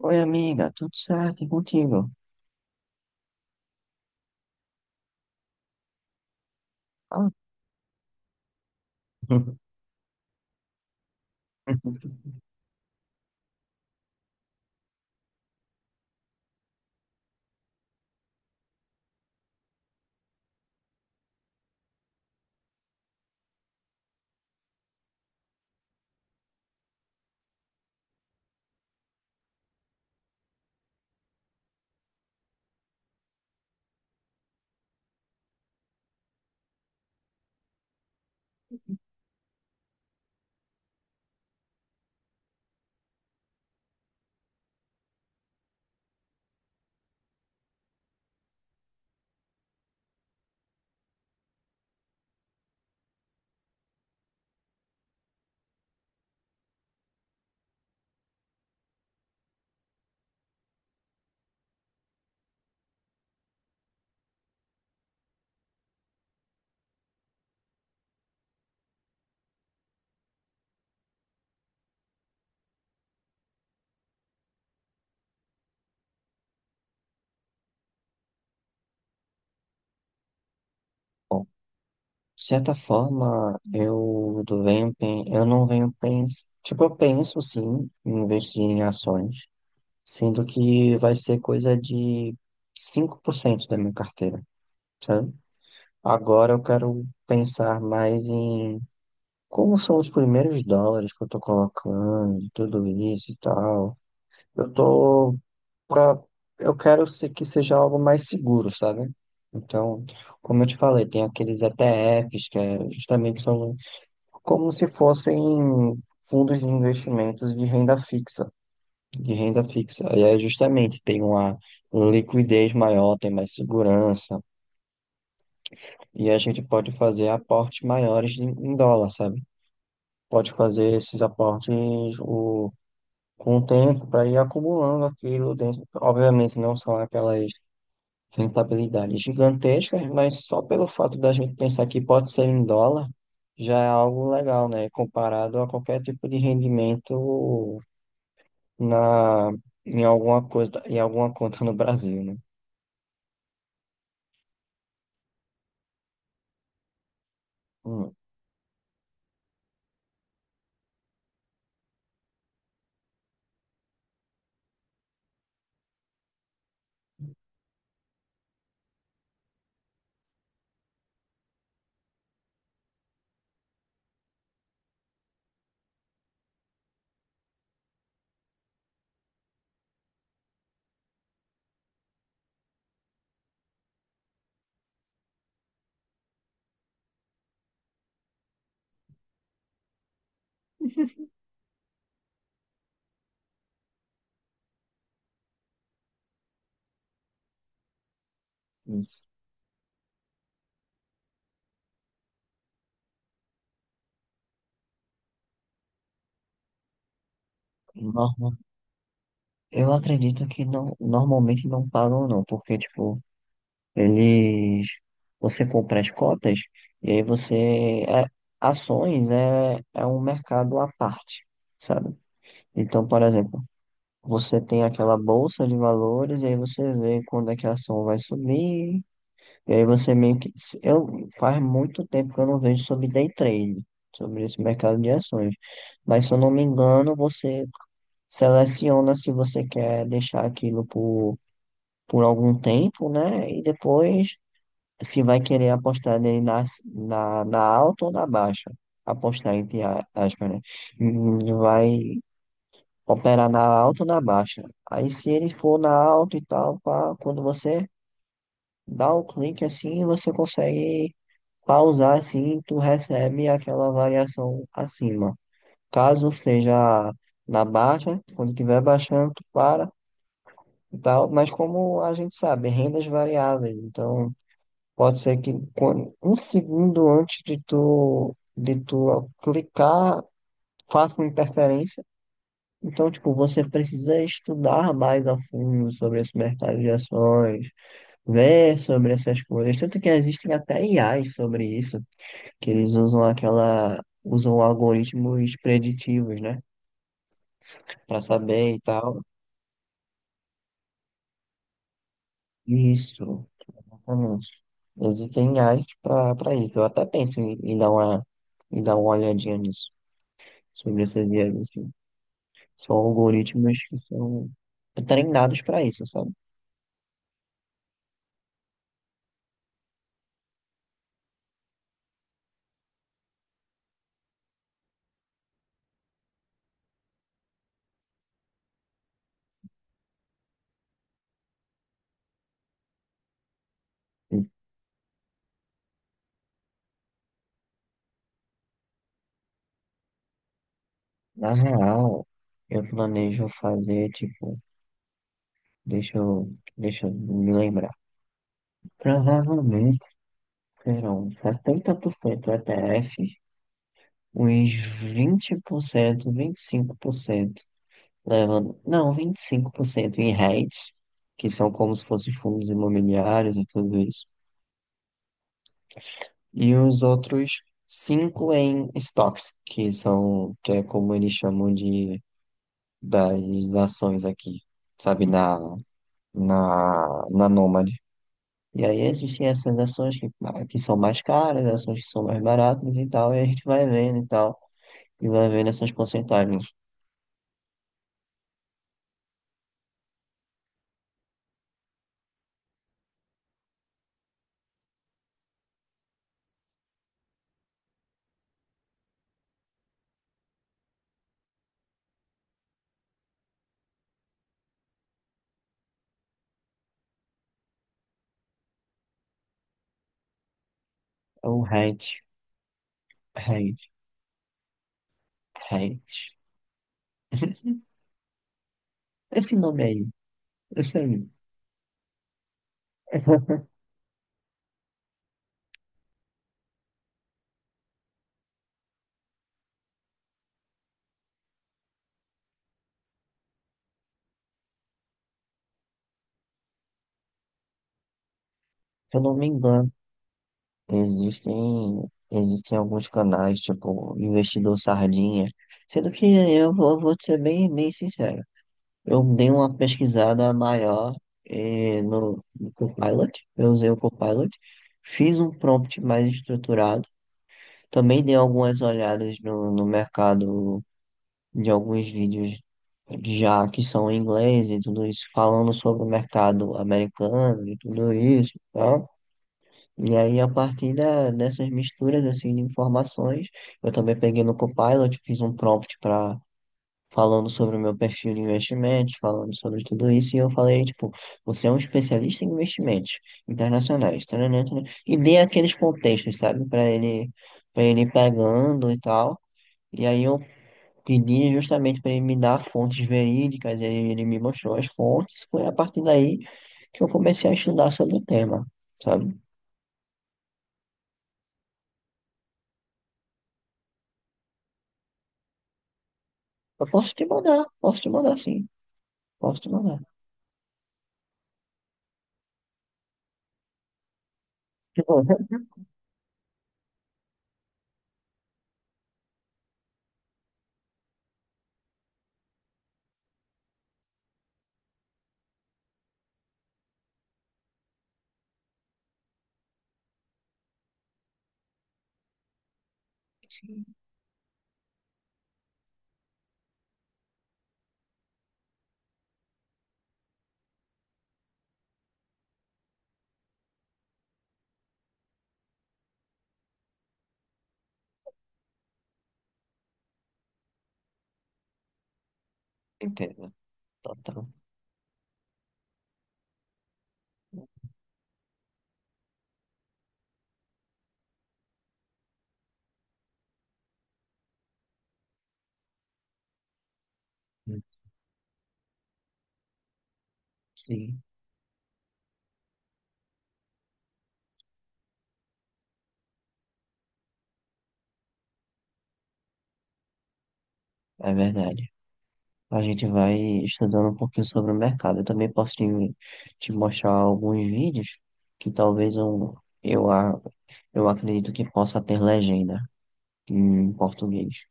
Oi, amiga, tudo certo e contigo? Ah. Bom, de certa forma, eu não venho pensando. Tipo, eu penso sim em investir em ações, sendo que vai ser coisa de 5% da minha carteira, sabe? Agora eu quero pensar mais em como são os primeiros dólares que eu tô colocando, tudo isso e tal. Eu tô pra, eu quero que seja algo mais seguro, sabe? Então, como eu te falei, tem aqueles ETFs que é, justamente são como se fossem fundos de investimentos de renda fixa, de renda fixa. E aí justamente tem uma liquidez maior, tem mais segurança, e a gente pode fazer aportes maiores em dólar, sabe? Pode fazer esses aportes o, com o tempo para ir acumulando aquilo dentro. Obviamente não são aquelas rentabilidade gigantesca, mas só pelo fato da gente pensar que pode ser em dólar, já é algo legal, né? Comparado a qualquer tipo de rendimento na, em alguma coisa, em alguma conta no Brasil, né? Hum, isso. Norma- eu acredito que não, normalmente não pagam não, porque, tipo, eles, você compra as cotas e aí você, é, ações é, é um mercado à parte, sabe? Então, por exemplo, você tem aquela bolsa de valores, e aí você vê quando é que a ação vai subir, e aí você meio que. Eu, faz muito tempo que eu não vejo sobre day trade, sobre esse mercado de ações. Mas se eu não me engano, você seleciona se você quer deixar aquilo por algum tempo, né? E depois se vai querer apostar nele na alta ou na baixa. Apostar entre aspas, né? E vai operar na alta ou na baixa. Aí se ele for na alta e tal, pá, quando você dá o clique assim, você consegue pausar assim, tu recebe aquela variação acima. Caso seja na baixa, quando estiver baixando, tu para e tal, mas como a gente sabe, rendas variáveis, então pode ser que um segundo antes de tu clicar faça uma interferência. Então, tipo, você precisa estudar mais a fundo sobre esse mercado de ações, ver sobre essas coisas. Tanto que existem até IAs sobre isso, que eles usam aquela, usam algoritmos preditivos, né? Para saber e tal. Isso, exatamente. Existem IAs para isso. Eu até penso em dar uma, em dar uma olhadinha nisso, sobre essas IAs, assim. São algoritmos que são treinados para isso, sabe? Na real, eu planejo fazer, tipo, deixa eu me lembrar. Provavelmente serão 70% ETF, uns 25% levando, não, 25% em REITs, que são como se fossem fundos imobiliários e tudo isso. E os outros 5 em estoques que são, que é como eles chamam de, das ações aqui, sabe, da na Nômade. E aí existem essas ações que, ah, que são mais caras, ações que são mais baratas e tal, e a gente vai vendo e tal, e vai vendo essas porcentagens. É o rate, rate, rate. Esse nome aí, esse aí. Se eu não me engano, existem alguns canais, tipo Investidor Sardinha, sendo que eu vou ser bem, bem sincero. Eu dei uma pesquisada maior no, no Copilot, eu usei o Copilot, fiz um prompt mais estruturado, também dei algumas olhadas no, no mercado de alguns vídeos já que são em inglês e tudo isso, falando sobre o mercado americano e tudo isso, tá? E aí, a partir da, dessas misturas assim, de informações, eu também peguei no Copilot, fiz um prompt para falando sobre o meu perfil de investimentos, falando sobre tudo isso, e eu falei, tipo, você é um especialista em investimentos internacionais, taranã, taranã, e dei aqueles contextos, sabe, para ele ir pegando e tal, e aí eu pedi justamente para ele me dar fontes verídicas, e aí ele me mostrou as fontes, foi a partir daí que eu comecei a estudar sobre o tema, sabe? Eu posso te mandar, posso te mandar Entendo, total, sim, é verdade. A gente vai estudando um pouquinho sobre o mercado. Eu também posso te mostrar alguns vídeos que talvez eu, a- eu acredito que possa ter legenda em português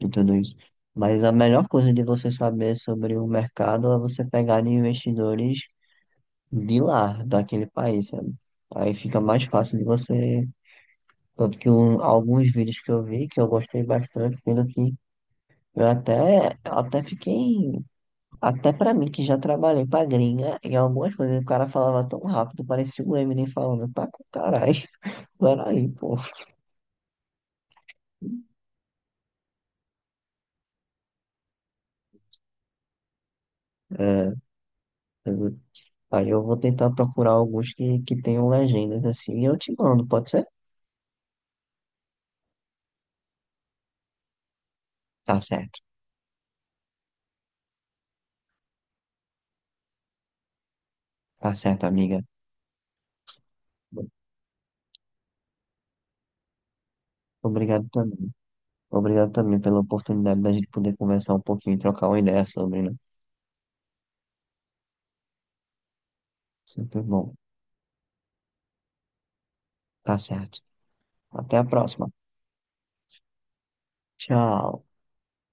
e tudo isso. Mas a melhor coisa de você saber sobre o mercado é você pegar de investidores de lá, daquele país, sabe? Aí fica mais fácil de você. Tanto que alguns vídeos que eu vi que eu gostei bastante, pelo que eu até, até fiquei. Até pra mim, que já trabalhei pra gringa, em algumas coisas o cara falava tão rápido, parecia o Eminem falando, tá com caralho, peraí, pô. É, eu- aí eu vou tentar procurar alguns que tenham legendas assim e eu te mando, pode ser? Tá certo, tá certo, amiga. Obrigado também. Obrigado também pela oportunidade da gente poder conversar um pouquinho e trocar uma ideia sobre, né? Sempre bom. Tá certo. Até a próxima. Tchau.